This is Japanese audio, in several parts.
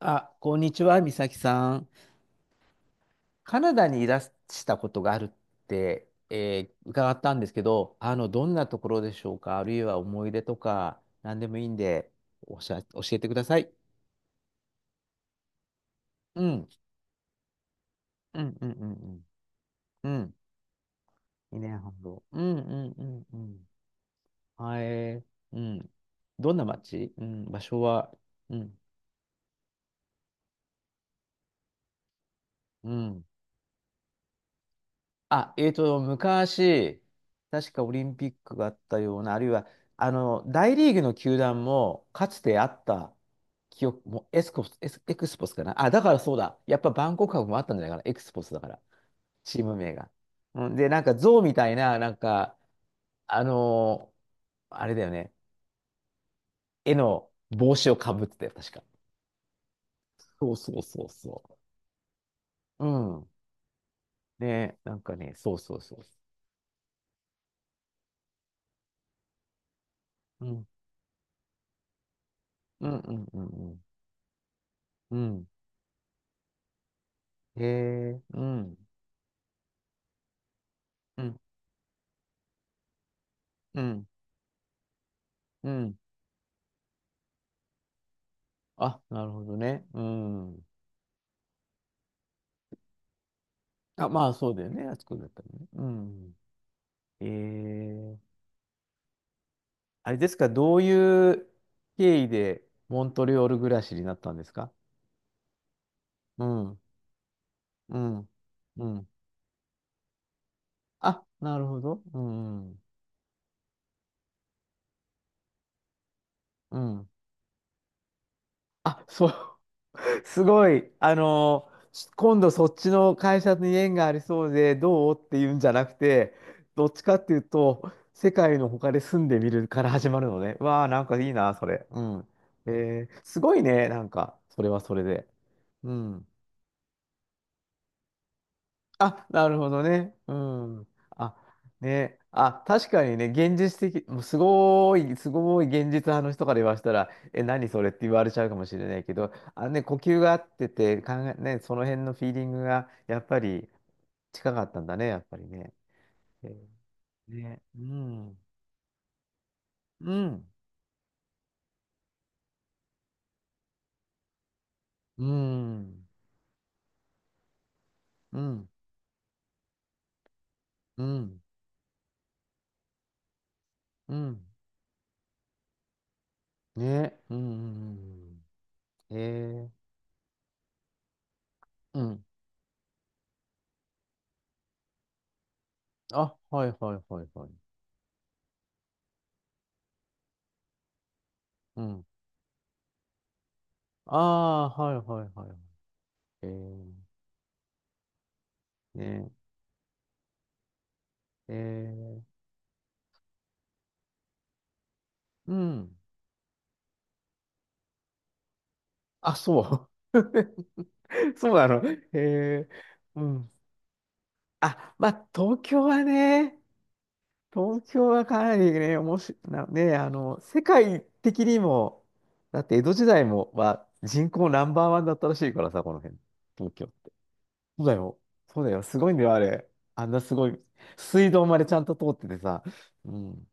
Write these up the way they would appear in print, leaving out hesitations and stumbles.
あ、こんにちは、美咲さん。カナダにいらしたことがあるって、伺ったんですけど、あの、どんなところでしょうか、あるいは思い出とか、何でもいいんで、おしゃ、教えてください。うん、うん、うん、うん、うん。うん、2年半後。うん、うん、うん、うん。はい、うん。どんな街、うん、場所は、うん、うん。あ、えっと、昔、確かオリンピックがあったような、あるいは、あの、大リーグの球団も、かつてあった記憶も、エクスポスかな。あ、だからそうだ。やっぱバンコク博もあったんじゃないかな。エクスポスだから、チーム名が。うん、で、なんか、象みたいな、なんか、あのーあれだよね。絵の帽子をかぶってたよ、確か。そうそうそうそう。うん。ね、なんかね、そうそうそう。うん。うんうんうんうん。うん。へえ、うん。うん、うん、うん。あ、なるほどね。うん。あ、まあ、そうだよね。あそこだったらね。うん。えー、あれですか、どういう経緯でモントリオール暮らしになったんですか？うん、うん、うん。あ、なるほど。うん、うん。あ、そう。すごい。あの、今度そっちの会社に縁がありそうでどうっていうんじゃなくて、どっちかっていうと、世界の他で住んでみるから始まるのね。わあ、なんかいいな、それ。うん。えーすごいね、なんか、それはそれで。うん。あ、なるほどね。うん。あ、ね。あ、確かにね、現実的、もうすごい、すごい現実派の人から言わせたら、え、何それって言われちゃうかもしれないけど、あね、呼吸が合ってて、考え、ね、その辺のフィーリングが、やっぱり近かったんだね、やっぱりね。えーね。うん。うん。うん。うん。うん。うん。ね。うん。ええー。うん。あ、はいはいはいはい。うん。ああ、はいはいはいはい。えー、ね、えー、うん。あ、そう。そうなの。えー、うん。あ、まあ、東京はね、東京はかなりね、おもし、な、ね、あの、世界的にも、だって江戸時代も、は人口ナンバーワンだったらしいからさ、この辺、東京って。そうだよ。そうだよ。すごいんだよ、あれ。あんなすごい。水道までちゃんと通っててさ。うん。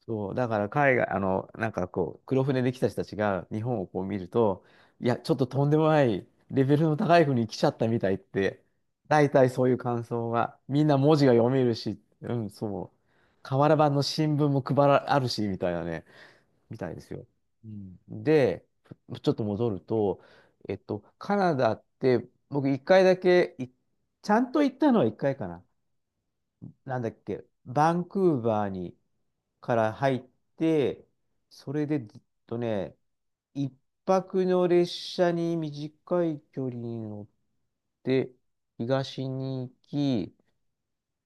そう、だから海外、あの、なんかこう、黒船で来た人たちが日本をこう見ると、いや、ちょっととんでもないレベルの高い国に来ちゃったみたいって、大体そういう感想が、みんな文字が読めるし、うん、そう、瓦版の新聞も配ら、あるし、みたいなね、みたいですよ。うん、で、ちょっと戻ると、カナダって、僕一回だけい、ちゃんと行ったのは一回かな。なんだっけ、バンクーバーに、から入って、それでずっとね、一泊の列車に短い距離に乗って、東に行き、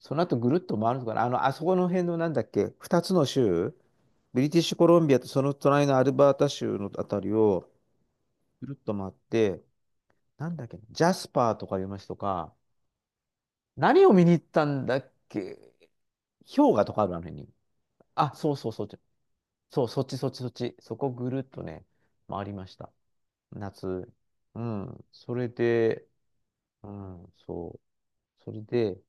その後ぐるっと回るのかな。あの、あそこの辺のなんだっけ、二つの州、ブリティッシュコロンビアとその隣のアルバータ州のあたりをぐるっと回って、なんだっけ、ジャスパーとかいう街とか、何を見に行ったんだっけ、氷河とかあるあの辺に。あ、そうそうそう。そう、そっちそっちそっち。そこぐるっとね、回りました。夏。うん。それで、うん、そう。それで、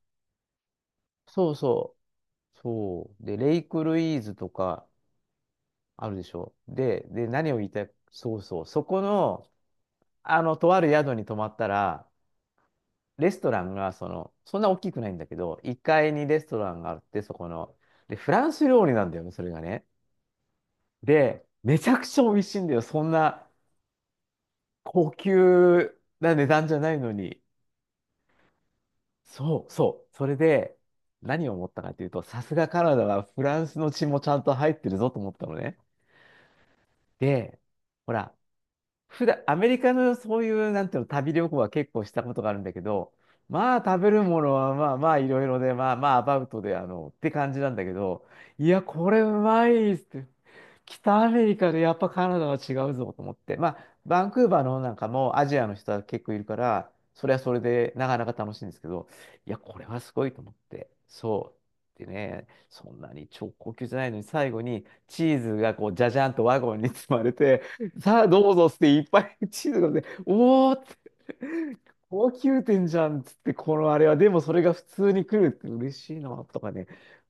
そうそう。そう。で、レイクルイーズとかあるでしょ。で、で、何を言いたい、そうそう。そこの、あの、とある宿に泊まったら、レストランが、その、そんな大きくないんだけど、1階にレストランがあって、そこの。で、フランス料理なんだよね、それがね。で、めちゃくちゃ美味しいんだよ。そんな、高級な値段じゃないのに。そうそう。それで、何を思ったかというと、さすがカナダはフランスの血もちゃんと入ってるぞと思ったのね。で、ほら、普段、アメリカのそういう、なんていうの、旅行は結構したことがあるんだけど、まあ食べるものはまあまあいろいろで、まあまあアバウトで、あの、って感じなんだけど、いや、これうまいっすって。北アメリカでやっぱカナダは違うぞと思って、まあ、バンクーバーの方なんかもアジアの人は結構いるから、それはそれでなかなか楽しいんですけど、いや、これはすごいと思って、そう。でね、そんなに超高級じゃないのに、最後にチーズがこう、じゃじゃんとワゴンに積まれて、さあ、どうぞっつって、いっぱいチーズがね、おーって、高級店じゃんっつって、このあれは、でもそれが普通に来るって嬉しいな、とかね。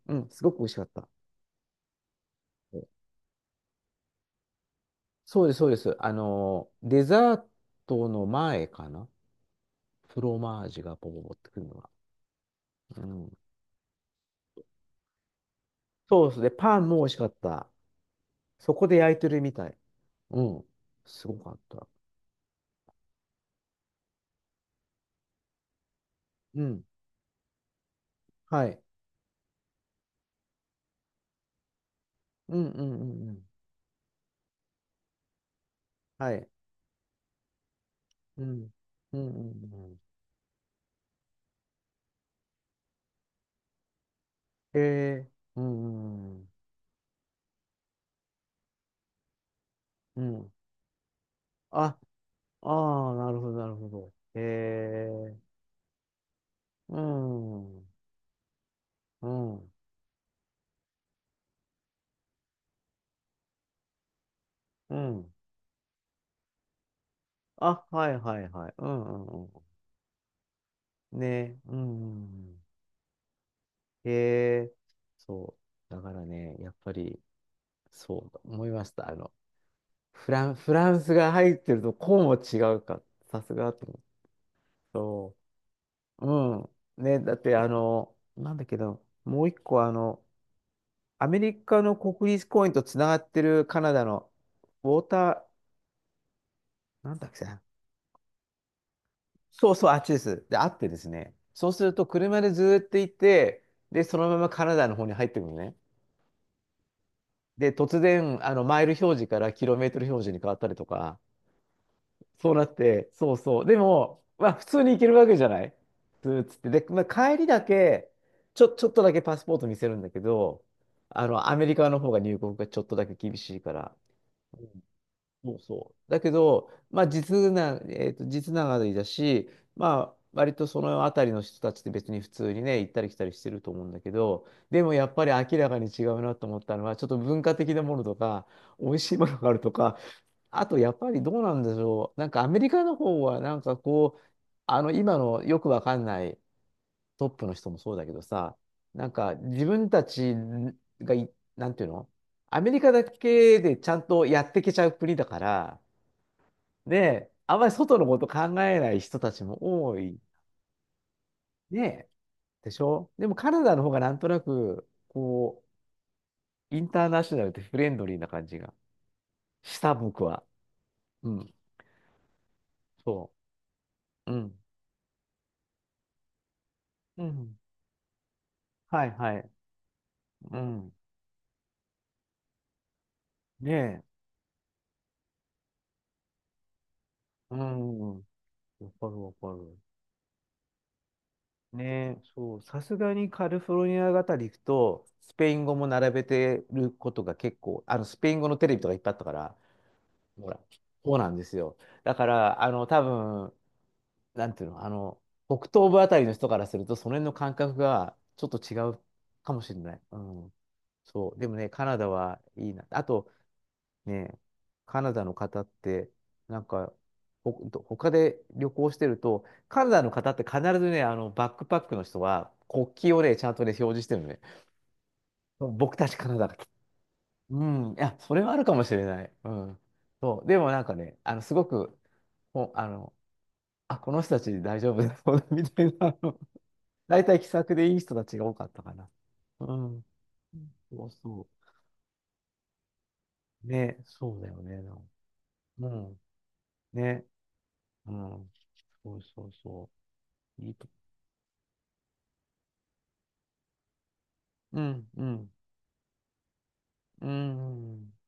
うん、すごく美味しかった。そうです、そうです。あの、デザートの前かな。フロマージュがポポポってくるのが。うん。そうですね。パンも美味しかった。そこで焼いてるみたい。うん。すごかった。うん。はい。うんうんうんうん。はい。うん。うんうんうん。へえ。うんうんうん。うん。あ、ああ、なるほど、なるほど。へえ、うん、うん、うん。あ、はいはいはい。うん、うん、うん。ね、うん。へえ、そう。だからね、やっぱり、そう思いました。あの、フランスが入ってると、こうも違うか。さすがと思って。そう。うん。ね、だって、あの、なんだけど、もう一個、あの、アメリカの国立公園とつながってるカナダのウォーターなんだっけな。そうそう、あっちです。で、あってですね。そうすると、車でずーっと行って、で、そのままカナダの方に入ってくるのね。で、突然、あの、マイル表示からキロメートル表示に変わったりとか、そうなって、そうそう。でも、まあ、普通に行けるわけじゃないずーっつって。で、まあ、帰りだけ、ちょっとだけパスポート見せるんだけど、あの、アメリカの方が入国がちょっとだけ厳しいから、そうそう。だけど、まあ実な、実ながりだし、まあ割とその辺りの人たちって別に普通にね、行ったり来たりしてると思うんだけど、でもやっぱり明らかに違うなと思ったのは、ちょっと文化的なものとか、美味しいものがあるとか、あとやっぱりどうなんでしょう。なんかアメリカの方はなんかこう、あの今のよくわかんないトップの人もそうだけどさ、なんか自分たちがい、なんていうのアメリカだけでちゃんとやってけちゃう国だから、で、あんまり外のこと考えない人たちも多い。ね、でしょ。でもカナダの方がなんとなく、こう、インターナショナルでフレンドリーな感じがした、僕は。うん。そう。うん。うん。はいはい。うん。ねえ。うん。わかるわかる。ねえ、そう。さすがにカリフォルニアあたり行くと、スペイン語も並べてることが結構、あの、スペイン語のテレビとかいっぱいあったから、ほら、そうなんですよ。だから、あの、多分、なんていうの、あの、北東部あたりの人からすると、その辺の感覚がちょっと違うかもしれない。うん。そう。でもね、カナダはいいな。あとね、カナダの方って、なんか、ほ、他で旅行してると、カナダの方って必ずね、あの、バックパックの人は国旗をね、ちゃんとね、表示してるのね。僕たちカナダが来た。うん。いや、それはあるかもしれない。うん。そう。でもなんかね、あの、すごく、ほあの、あ、この人たち大丈夫だそうだみたいな、大体気さくでいい人たちが多かったかな。うん。そうそう。ね、そうだよね。なんうん。ね。うん。そうそうそう。いいと。うん、うん。うん、うん。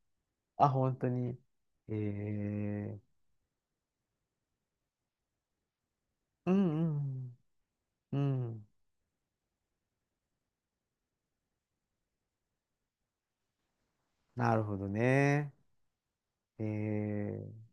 あ、本当に。えー。うん、うん。うん。なるほどね。えー。